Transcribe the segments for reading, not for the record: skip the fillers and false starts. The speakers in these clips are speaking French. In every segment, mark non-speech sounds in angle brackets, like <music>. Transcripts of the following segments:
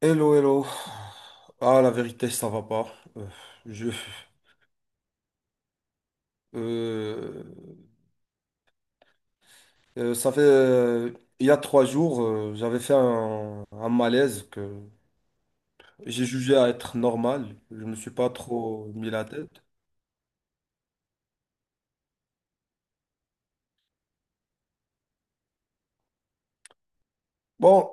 Hello, hello. Ah, la vérité, ça va pas. Euh, je, euh, euh, ça fait, euh, il y a 3 jours, j'avais fait un malaise que j'ai jugé à être normal. Je me suis pas trop mis la tête. Bon,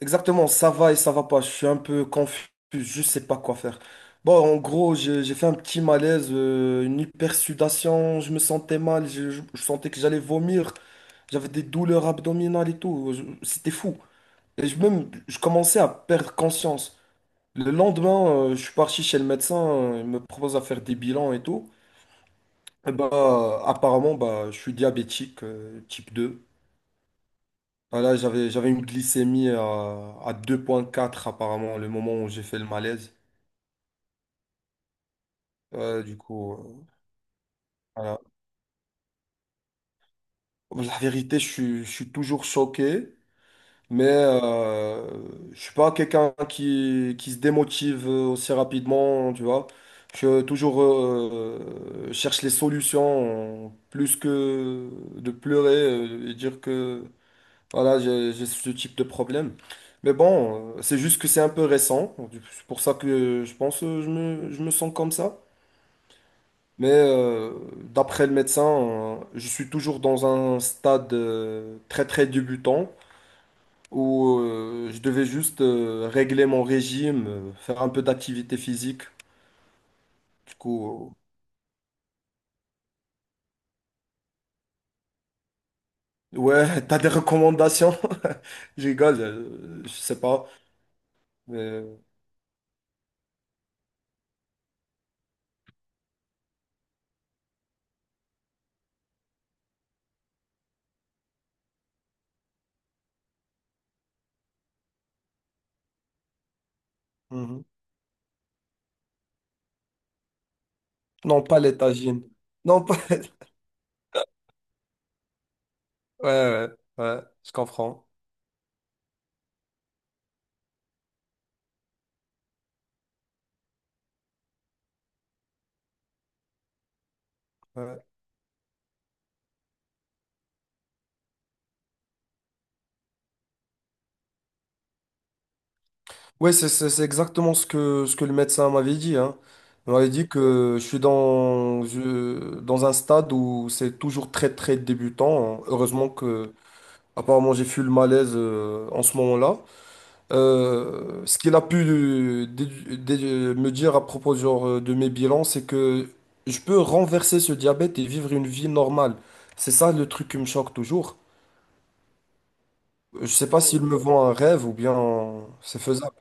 exactement, ça va et ça va pas. Je suis un peu confus. Je sais pas quoi faire. Bon, en gros, j'ai fait un petit malaise, une hypersudation. Je me sentais mal. Je sentais que j'allais vomir. J'avais des douleurs abdominales et tout. C'était fou. Et même, je commençais à perdre conscience. Le lendemain, je suis parti chez le médecin, il me propose à faire des bilans et tout. Et bah, apparemment, bah, je suis diabétique type 2. Voilà, j'avais une glycémie à 2,4 apparemment, le moment où j'ai fait le malaise. Du coup, voilà. La vérité, je suis toujours choqué. Mais je suis pas quelqu'un qui se démotive aussi rapidement, tu vois. Je toujours cherche les solutions plus que de pleurer et dire que voilà, j'ai ce type de problème. Mais bon, c'est juste que c'est un peu récent. C'est pour ça que je pense que je me sens comme ça. Mais d'après le médecin, je suis toujours dans un stade très très débutant où je devais juste régler mon régime, faire un peu d'activité physique. Du coup, ouais, <laughs> t'as des recommandations? <laughs> Je rigole, je sais pas. mais- Mhm. Non, pas les tagines. Non, pas. <laughs> Ouais, ouais, ouais, je comprends. Ouais, ouais, c'est exactement ce que le médecin m'avait dit, hein. Il m'avait dit que je suis dans un stade où c'est toujours très, très débutant, hein. Heureusement que, apparemment, j'ai fui le malaise en ce moment-là. Ce qu'il a pu me dire à propos genre, de mes bilans, c'est que je peux renverser ce diabète et vivre une vie normale. C'est ça le truc qui me choque toujours. Je sais pas s'il me vend un rêve ou bien c'est faisable.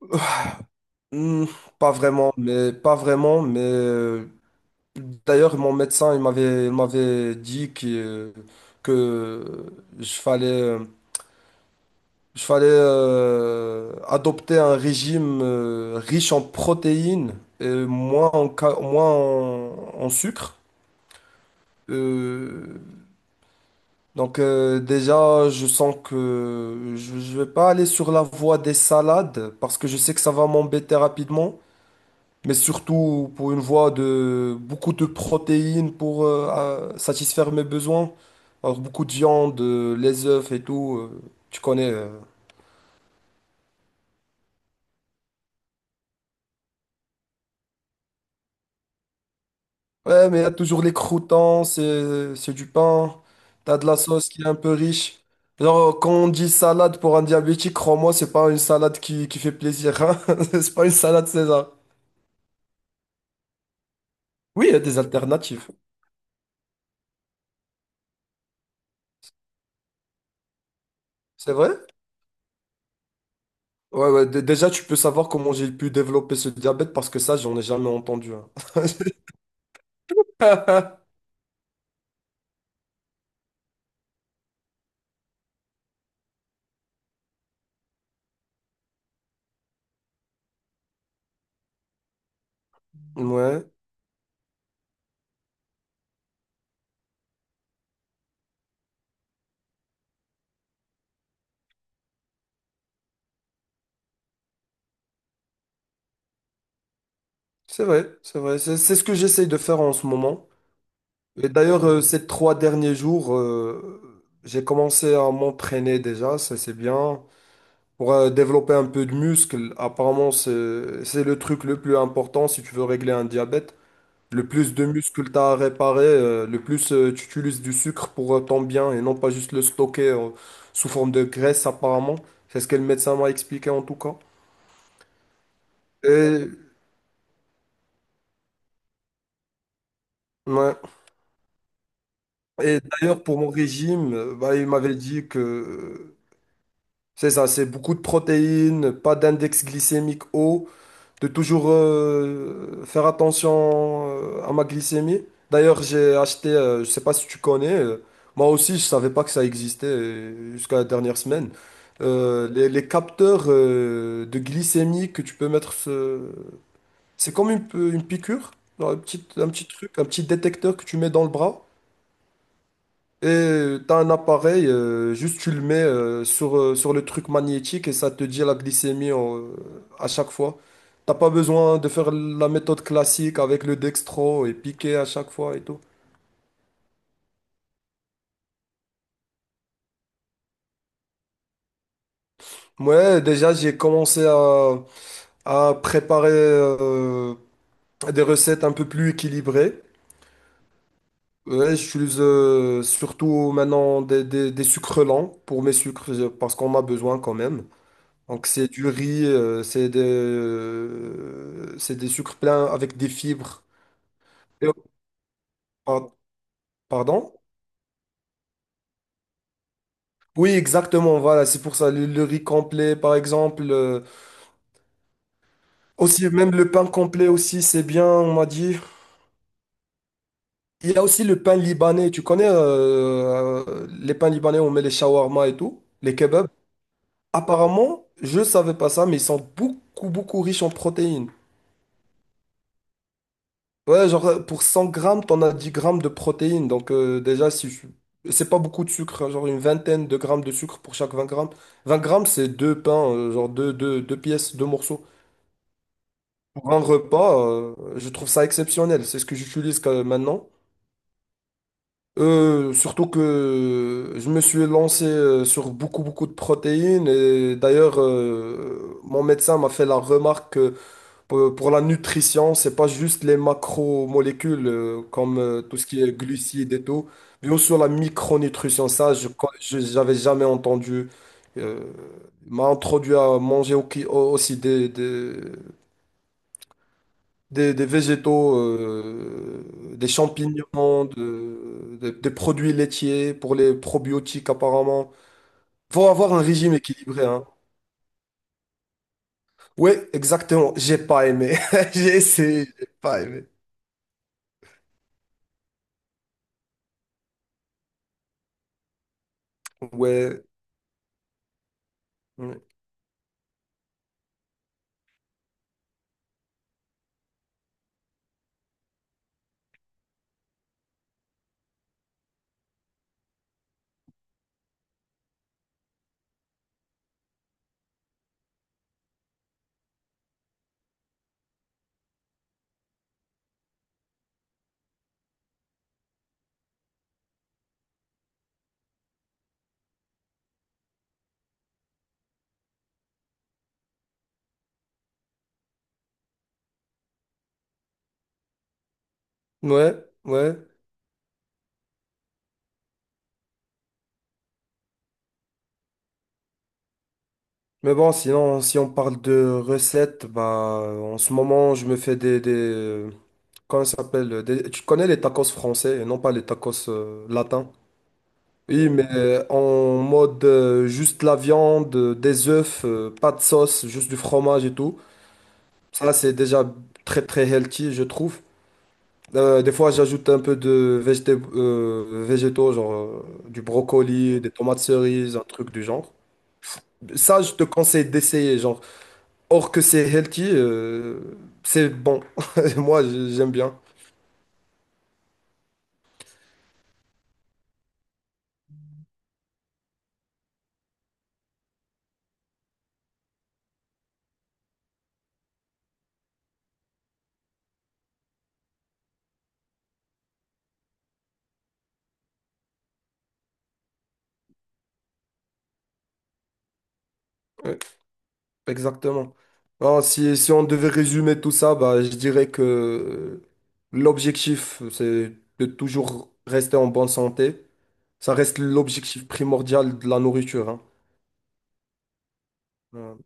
<laughs> Hmm, pas vraiment, mais pas vraiment. Mais d'ailleurs mon médecin il m'avait dit que je fallait Il fallait adopter un régime riche en protéines et moins en, ca- moins en, en sucre. Euh, donc déjà, je sens que je ne vais pas aller sur la voie des salades parce que je sais que ça va m'embêter rapidement, mais surtout pour une voie de beaucoup de protéines pour satisfaire mes besoins. Alors beaucoup de viande, les œufs et tout, tu connais. Ouais, mais il y a toujours les croûtons, c'est du pain. T'as de la sauce qui est un peu riche. Genre, quand on dit salade pour un diabétique, crois-moi, c'est pas une salade qui fait plaisir, hein. <laughs> C'est pas une salade César. Oui, il y a des alternatives. C'est vrai? Ouais, ouais, déjà, tu peux savoir comment j'ai pu développer ce diabète parce que ça, j'en ai jamais entendu, hein. <laughs> Ouais, c'est vrai, c'est vrai. C'est ce que j'essaye de faire en ce moment. Et d'ailleurs, ces 3 derniers jours, j'ai commencé à m'entraîner déjà, ça c'est bien. Pour développer un peu de muscle, apparemment, c'est le truc le plus important si tu veux régler un diabète. Le plus de muscles tu as à réparer, le plus tu utilises du sucre pour ton bien et non pas juste le stocker sous forme de graisse, apparemment. C'est ce que le médecin m'a expliqué en tout cas. Et, ouais. Et d'ailleurs, pour mon régime, bah, il m'avait dit que c'est ça, c'est beaucoup de protéines, pas d'index glycémique haut, de toujours faire attention à ma glycémie. D'ailleurs, j'ai acheté, je sais pas si tu connais, moi aussi je savais pas que ça existait jusqu'à la dernière semaine. Les capteurs de glycémie que tu peux mettre, c'est comme une piqûre, genre un petit truc, un petit détecteur que tu mets dans le bras. Et t'as un appareil, juste tu le mets sur le truc magnétique et ça te dit la glycémie à chaque fois. T'as pas besoin de faire la méthode classique avec le dextro et piquer à chaque fois et tout. Ouais, déjà j'ai commencé à préparer des recettes un peu plus équilibrées. Ouais, j'utilise surtout maintenant des sucres lents pour mes sucres parce qu'on a besoin quand même. Donc c'est du riz, c'est des sucres pleins avec des fibres. Et- par- Pardon? Oui, exactement, voilà, c'est pour ça. Le riz complet, par exemple. Aussi, même le pain complet aussi, c'est bien, on m'a dit. Il y a aussi le pain libanais. Tu connais les pains libanais, on met les shawarma et tout, les kebabs. Apparemment, je savais pas ça, mais ils sont beaucoup, beaucoup riches en protéines. Ouais, genre pour 100 grammes, t'en as 10 grammes de protéines. Donc déjà, si je- c'est pas beaucoup de sucre, hein, genre une vingtaine de grammes de sucre pour chaque 20 grammes. 20 grammes, c'est deux pains, genre deux, deux, deux pièces, deux morceaux. Pour un repas, je trouve ça exceptionnel. C'est ce que j'utilise maintenant. Surtout que je me suis lancé sur beaucoup, beaucoup de protéines. Et d'ailleurs, mon médecin m'a fait la remarque. Pour la nutrition, c'est pas juste les macromolécules comme tout ce qui est glucides et tout, mais aussi la micronutrition. Ça, j'avais jamais entendu. Euh, M'a introduit à manger aussi des, des végétaux, des champignons, des produits laitiers pour les probiotiques apparemment. Faut avoir un régime équilibré, hein. Ouais, exactement. J'ai pas aimé. <laughs> J'ai essayé, j'ai pas aimé. Ouais. Ouais. Ouais, ouais. Mais bon, sinon, si on parle de recettes, bah, en ce moment, je me fais comment ça s'appelle, tu connais les tacos français et non pas les tacos latins. Oui, mais en mode juste la viande, des œufs, pas de sauce, juste du fromage et tout. Ça, c'est déjà très, très healthy, je trouve. Des fois, j'ajoute un peu de végétaux, genre du brocoli, des tomates cerises, un truc du genre. Ça, je te conseille d'essayer, genre. Or que c'est healthy, c'est bon. <laughs> Moi, j'aime bien. Ouais, exactement. Alors, si on devait résumer tout ça, bah, je dirais que l'objectif, c'est de toujours rester en bonne santé. Ça reste l'objectif primordial de la nourriture, hein. Euh,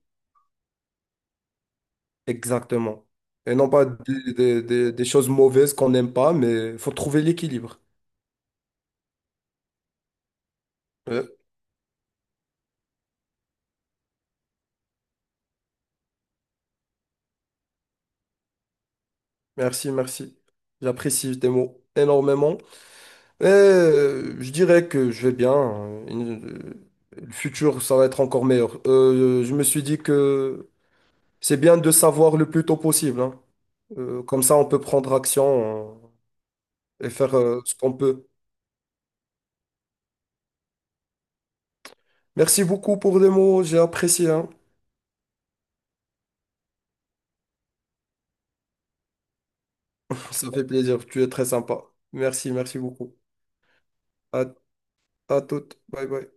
Exactement. Et non pas des, des choses mauvaises qu'on n'aime pas, mais il faut trouver l'équilibre. Ouais. Merci, merci. J'apprécie tes mots énormément. Et je dirais que je vais bien, hein. Le futur, ça va être encore meilleur. Je me suis dit que c'est bien de savoir le plus tôt possible, hein. Comme ça, on peut prendre action et faire ce qu'on peut. Merci beaucoup pour les mots, j'ai apprécié, hein. Ça fait plaisir, tu es très sympa. Merci, merci beaucoup. À À toutes. Bye bye.